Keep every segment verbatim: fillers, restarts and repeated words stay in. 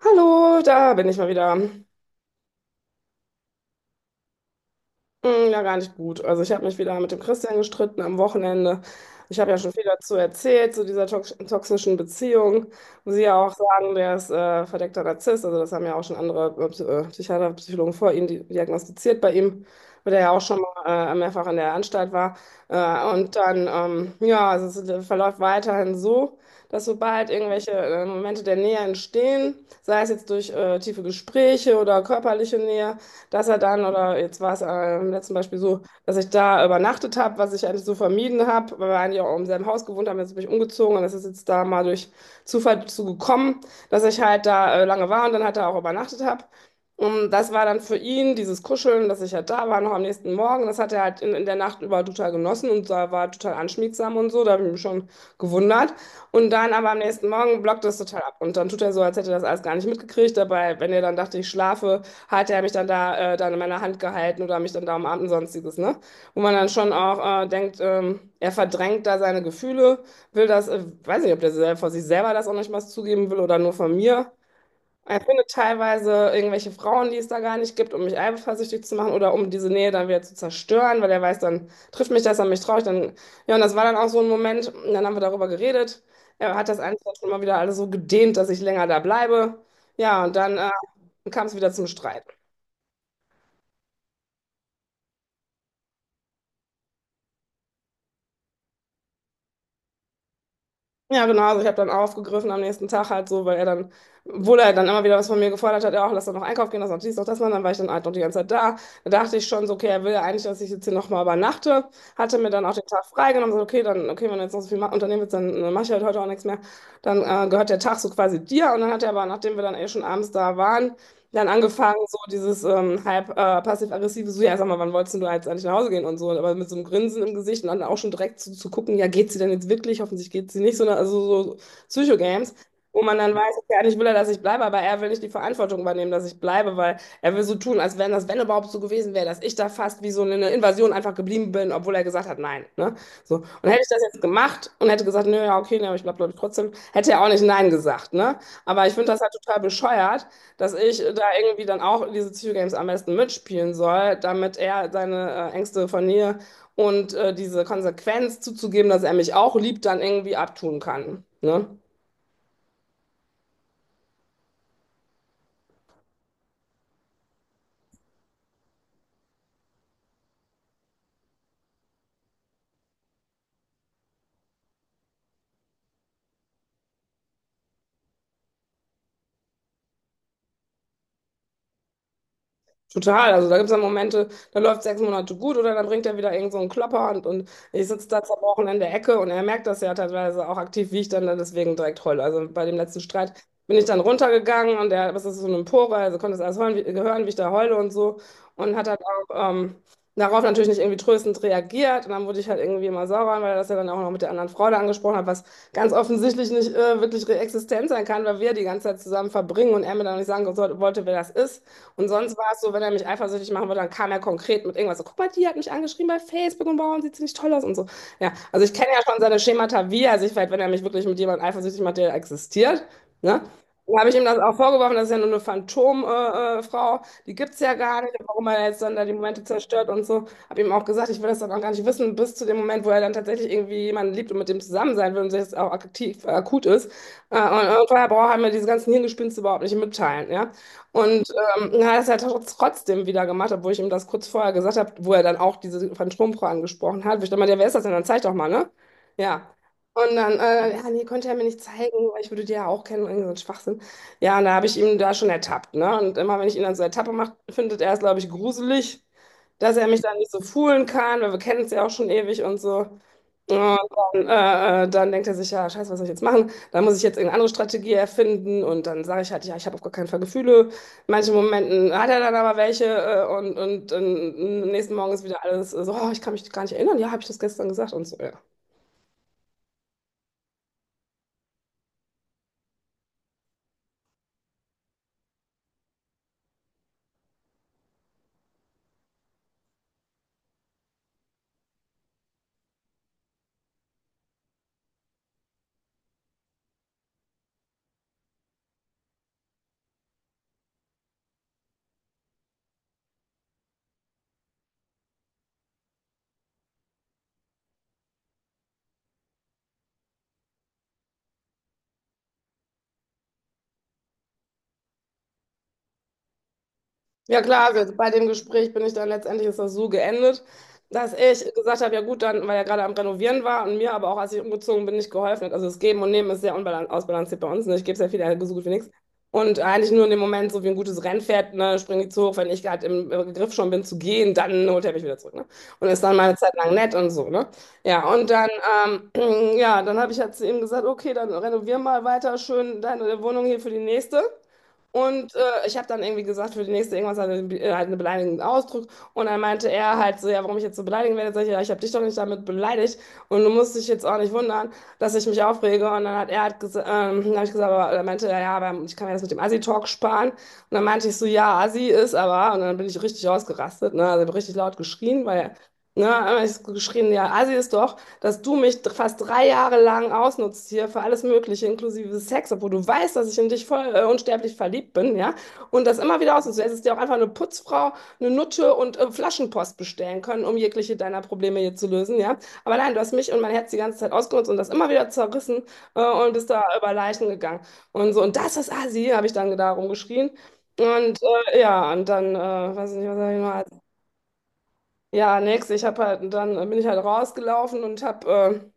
Hallo, da bin ich mal wieder. Hm, ja, gar nicht gut. Also ich habe mich wieder mit dem Christian gestritten am Wochenende. Ich habe ja schon viel dazu erzählt, zu dieser tox toxischen Beziehung, wo Sie ja auch sagen, der ist äh, verdeckter Narzisst. Also das haben ja auch schon andere äh, Psy- äh, Psychiater, Psychologen vor ihm di- diagnostiziert bei ihm, weil der ja auch schon mal äh, mehrfach in der Anstalt war. Äh, und dann, ähm, ja, also es äh, verläuft weiterhin so, dass sobald irgendwelche äh, Momente der Nähe entstehen, sei es jetzt durch äh, tiefe Gespräche oder körperliche Nähe, dass er dann, oder jetzt war es äh, im letzten Beispiel so, dass ich da übernachtet habe, was ich eigentlich so vermieden habe, weil wir eigentlich auch im selben Haus gewohnt haben. Jetzt bin ich umgezogen und das ist jetzt da mal durch Zufall zu gekommen, dass ich halt da äh, lange war und dann halt da auch übernachtet habe. Und das war dann für ihn dieses Kuscheln, dass ich halt da war, noch am nächsten Morgen. Das hat er halt in, in der Nacht über total genossen und da war total anschmiegsam und so. Da habe ich mich schon gewundert. Und dann aber am nächsten Morgen blockt das total ab. Und dann tut er so, als hätte er das alles gar nicht mitgekriegt. Dabei, wenn er dann dachte, ich schlafe, hat er mich dann da äh, dann in meiner Hand gehalten oder mich dann da umarmt und sonstiges, ne? Wo man dann schon auch äh, denkt, ähm, er verdrängt da seine Gefühle, will das, äh, weiß nicht, ob der sel- vor sich selber das auch nicht mal zugeben will oder nur von mir. Er findet teilweise irgendwelche Frauen, die es da gar nicht gibt, um mich eifersüchtig zu machen oder um diese Nähe dann wieder zu zerstören, weil er weiß, dann trifft mich das, an mich traurig, dann, ja, und das war dann auch so ein Moment, und dann haben wir darüber geredet. Er hat das einfach schon mal wieder alles so gedehnt, dass ich länger da bleibe. Ja, und dann äh, kam es wieder zum Streit. Ja, genau. Also ich habe dann aufgegriffen am nächsten Tag halt so, weil er dann, obwohl er dann immer wieder was von mir gefordert hat, ja, auch lass doch noch einkaufen gehen, lass noch dies, noch das machen, dann war ich dann halt noch die ganze Zeit da. Da dachte ich schon so, okay, er will ja eigentlich, dass ich jetzt hier nochmal übernachte. Hatte mir dann auch den Tag freigenommen, so, okay, dann, okay, wenn du jetzt noch so viel ma- unternehmen willst, dann äh, mach ich halt heute auch nichts mehr. Dann äh, gehört der Tag so quasi dir. Und dann hat er aber, nachdem wir dann eh schon abends da waren, dann angefangen, so dieses ähm, halb äh, passiv-aggressive, so, ja, sag mal, wann wolltest denn du jetzt eigentlich nach Hause gehen und so, aber mit so einem Grinsen im Gesicht und dann auch schon direkt zu, zu gucken, ja, geht sie denn jetzt wirklich? Hoffentlich geht sie nicht, sondern also so so Psycho-Games, wo man dann weiß, okay, eigentlich will er, dass ich bleibe, aber er will nicht die Verantwortung übernehmen, dass ich bleibe, weil er will so tun, als wenn das, wenn überhaupt so gewesen wäre, dass ich da fast wie so eine Invasion einfach geblieben bin, obwohl er gesagt hat, nein, ne? So. Und hätte ich das jetzt gemacht und hätte gesagt, nö, ja, okay, ne, aber ich bleib, glaube ich, trotzdem, hätte er auch nicht nein gesagt, ne? Aber ich finde das halt total bescheuert, dass ich da irgendwie dann auch diese Psycho-Games am besten mitspielen soll, damit er seine äh, Ängste von mir und äh, diese Konsequenz zuzugeben, dass er mich auch liebt, dann irgendwie abtun kann. Ne? Total, also da gibt es dann Momente, da läuft sechs Monate gut oder dann bringt er wieder irgend so einen Klopper und, und ich sitze da zerbrochen in der Ecke und er merkt das ja teilweise auch aktiv, wie ich dann da deswegen direkt heule. Also bei dem letzten Streit bin ich dann runtergegangen und er was ist das, so eine Empore, also konnte das alles hören, wie, hören, wie ich da heule und so und hat dann auch ähm, darauf natürlich nicht irgendwie tröstend reagiert und dann wurde ich halt irgendwie immer sauer, weil er das ja dann auch noch mit der anderen Frau da angesprochen hat, was ganz offensichtlich nicht äh, wirklich existent sein kann, weil wir die ganze Zeit zusammen verbringen und er mir dann nicht sagen sollte- wollte, wer das ist. Und sonst war es so, wenn er mich eifersüchtig machen wollte, dann kam er konkret mit irgendwas so, guck mal, die hat mich angeschrieben bei Facebook und warum sieht sie nicht toll aus und so. Ja, also ich kenne ja schon seine Schemata, wie er sich verhält, wenn er mich wirklich mit jemandem eifersüchtig macht, der existiert, ne? Dann habe ich ihm das auch vorgeworfen, das ist ja nur eine Phantomfrau, äh, äh, Frau, die gibt es ja gar nicht, und warum er jetzt dann da die Momente zerstört und so. Habe ihm auch gesagt, ich will das dann auch gar nicht wissen, bis zu dem Moment, wo er dann tatsächlich irgendwie jemanden liebt und mit dem zusammen sein will und sich das auch aktiv, äh, akut ist. Äh, und, und vorher braucht er mir diese ganzen Hirngespinste überhaupt nicht mitteilen, ja. Und ähm, na, das hat er es ja tr- trotzdem wieder gemacht, obwohl ich ihm das kurz vorher gesagt habe, wo er dann auch diese Phantomfrau angesprochen hat. Wo ich dann meinte, ja, wer ist das denn? Dann zeig doch mal, ne? Ja. Und dann, äh, ja, nee, konnte er mir nicht zeigen, weil ich würde die ja auch kennen, irgendwie so ein Schwachsinn. Ja, und da habe ich ihn da schon ertappt, ne? Und immer, wenn ich ihn dann so ertappe mache, findet er es, glaube ich, gruselig, dass er mich da nicht so foolen kann, weil wir kennen es ja auch schon ewig und so. Ja, und dann, äh, äh, dann denkt er sich, ja, scheiße, was soll ich jetzt machen? Dann muss ich jetzt irgendeine andere Strategie erfinden und dann sage ich halt, ja, ich habe auf gar keinen Fall Gefühle. In manchen Momenten hat er dann aber welche äh, und, und, und am nächsten Morgen ist wieder alles so, oh, ich kann mich gar nicht erinnern, ja, habe ich das gestern gesagt und so, ja. Ja klar, also bei dem Gespräch bin ich dann letztendlich ist das so geendet, dass ich gesagt habe, ja gut, dann, weil er gerade am Renovieren war und mir aber auch, als ich umgezogen bin, nicht geholfen hat. Also das Geben und Nehmen ist sehr unbalan- ausbalanciert bei uns. Ne? Ich gebe sehr viel, er gibt so gut wie nichts. Und eigentlich nur in dem Moment, so wie ein gutes Rennpferd, ne, springe ich zu hoch, wenn ich gerade im äh, Griff schon bin zu gehen, dann holt er mich wieder zurück. Ne? Und ist dann mal eine Zeit lang nett und so. Ne? Ja, und dann, ähm, ja, dann habe ich halt zu ihm gesagt, okay, dann renovier mal weiter schön deine Wohnung hier für die nächste. Und äh, ich habe dann irgendwie gesagt, für die nächste irgendwas halt, eine- äh, halt einen beleidigenden Ausdruck. Und dann meinte er halt so, ja, warum ich jetzt so beleidigen werde. Sag ich, ja, ich habe dich doch nicht damit beleidigt. Und du musst dich jetzt auch nicht wundern, dass ich mich aufrege. Und dann hat er halt gesagt, ähm, dann hab ich gesagt, aber dann meinte er, ja, aber ich kann mir das mit dem Assi-Talk sparen. Und dann meinte ich so, ja, Assi ist aber. Und dann bin ich richtig ausgerastet, ne? Also ich hab richtig laut geschrien, weil, ne, ich hab geschrien, ja, Assi ist doch, dass du mich dr- fast drei Jahre lang ausnutzt hier für alles Mögliche, inklusive Sex, obwohl du weißt, dass ich in dich voll äh, unsterblich verliebt bin, ja? Und das immer wieder ausnutzt. Du hättest dir auch einfach eine Putzfrau, eine Nutte und äh, Flaschenpost bestellen können, um jegliche deiner Probleme hier zu lösen, ja? Aber nein, du hast mich und mein Herz die ganze Zeit ausgenutzt und das immer wieder zerrissen, äh, und bist da über Leichen gegangen. Und so, und das ist Assi, habe ich dann da rumgeschrien. Und äh, ja, und dann, äh, weiß ich nicht, was sag ich noch? Ja, nix, ich habe halt, dann bin ich halt rausgelaufen und habe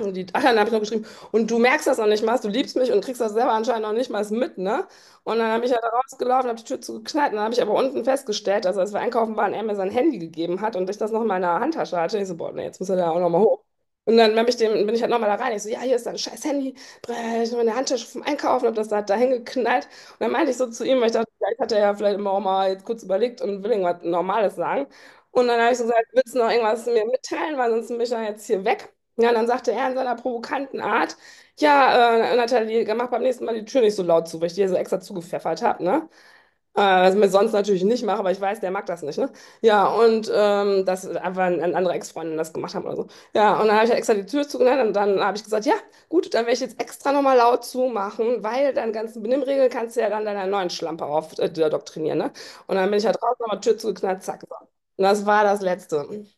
und die, ach ja, dann habe ich noch geschrieben. Und du merkst das noch nicht mal, du liebst mich und kriegst das selber anscheinend noch nicht mal mit, ne? Und dann habe ich ja da rausgelaufen, habe die Tür zugeknallt und dann habe ich aber unten festgestellt, also als wir einkaufen waren, er mir sein Handy gegeben hat und ich das noch in meiner Handtasche hatte. Ich so, boah, nee, jetzt muss er da auch noch mal hoch. Und dann hab ich dem, bin ich halt nochmal da rein. Ich so, ja, hier ist dein scheiß Handy. Brr, ich habe meine Handtasche vom Einkaufen, habe das da, da hingeknallt. Und dann meinte ich so zu ihm, weil ich dachte, vielleicht hat er ja vielleicht immer auch mal jetzt kurz überlegt und will irgendwas Normales sagen. Und dann habe ich so gesagt, willst du noch irgendwas mir mitteilen, weil sonst bin ich dann jetzt hier weg. Ja, und dann sagte er in seiner provokanten Art, ja, äh, Nathalie, mach beim nächsten Mal die Tür nicht so laut zu, weil ich dir so extra zugepfeffert habe, ne? Äh, was ich mir sonst natürlich nicht mache, aber ich weiß, der mag das nicht, ne? Ja, und ähm, dass einfach ein, ein andere Ex-Freundin das gemacht haben oder so. Ja, und dann habe ich halt extra die Tür zugemacht und dann habe ich gesagt, ja, gut, dann werde ich jetzt extra nochmal laut zumachen, weil deine ganzen Benimmregeln kannst du ja dann deiner neuen Schlampe auf äh, doktrinieren, ne? Und dann bin ich halt draußen nochmal Tür zugeknallt, zack, so. Und das war das Letzte.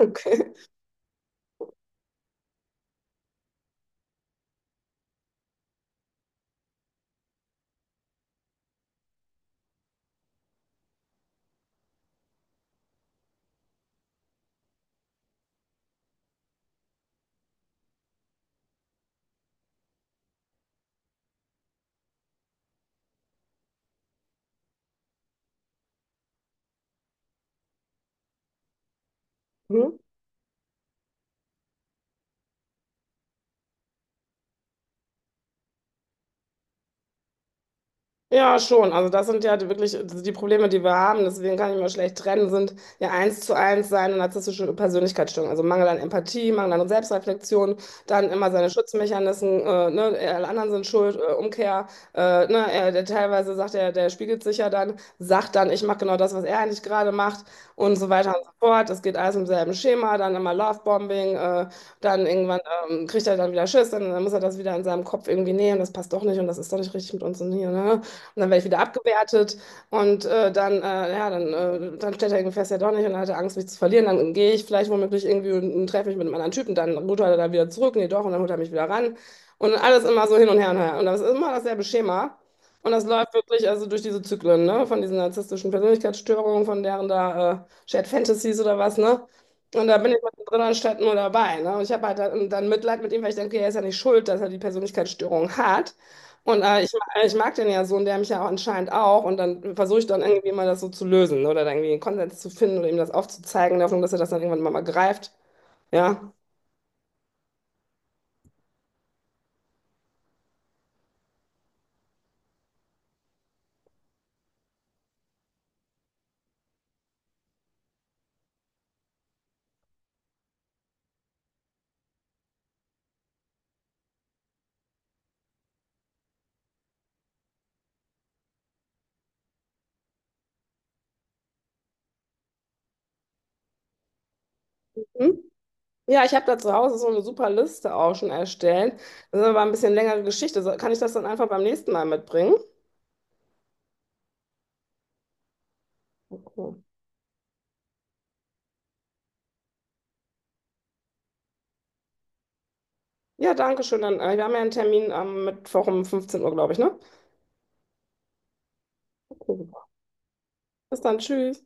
Okay. Hm? Ja, schon. Also das sind ja die- wirklich also, die Probleme, die wir haben. Deswegen kann ich mir schlecht trennen, sind ja eins zu eins seine narzisstische Persönlichkeitsstörung. Also Mangel an Empathie, Mangel an Selbstreflexion, dann immer seine Schutzmechanismen, äh, ne, äh, alle anderen sind schuld, äh, Umkehr, äh, ne, er, der teilweise sagt er, der spiegelt sich ja dann, sagt dann, ich mache genau das, was er eigentlich gerade macht und so weiter und so fort. Es geht alles im selben Schema, dann immer Lovebombing, äh, dann irgendwann ähm, kriegt er dann wieder Schiss, dann, dann muss er das wieder in seinem Kopf irgendwie nehmen, das passt doch nicht und das ist doch nicht richtig mit uns und hier, ne? Und dann werde ich wieder abgewertet und äh, dann, äh, ja, dann, äh, dann stellt er irgendwie fest, ja doch nicht und dann hat er Angst, mich zu verlieren. Dann gehe ich vielleicht womöglich irgendwie und, und treffe mich mit einem anderen Typen, dann holt er dann wieder zurück, nee doch, und dann holt er mich wieder ran. Und alles immer so hin und her und her. Und das ist immer dasselbe Schema. Und das läuft wirklich also durch diese Zyklen, ne? Von diesen narzisstischen Persönlichkeitsstörungen, von deren da äh, Shared Fantasies oder was, ne? Und da bin ich drin anstatt nur dabei. Ne? Und ich habe halt dann, dann Mitleid mit ihm, weil ich denke, okay, er ist ja nicht schuld, dass er die Persönlichkeitsstörung hat. Und äh, ich, ma- ich mag den ja so und der mich ja auch anscheinend auch. Und dann versuche ich dann irgendwie mal das so zu lösen, ne? Oder dann irgendwie einen Konsens zu finden oder ihm das aufzuzeigen, in der Hoffnung, dass er das dann irgendwann mal, mal greift. Ja. Hm? Ja, ich habe da zu Hause so eine super Liste auch schon erstellt. Das ist aber ein bisschen längere Geschichte. So, kann ich das dann einfach beim nächsten Mal mitbringen? Okay. Ja, danke schön. Dann, äh, wir haben ja einen Termin am Mittwoch um fünfzehn Uhr, glaube ich, ne? Okay. Bis dann, tschüss.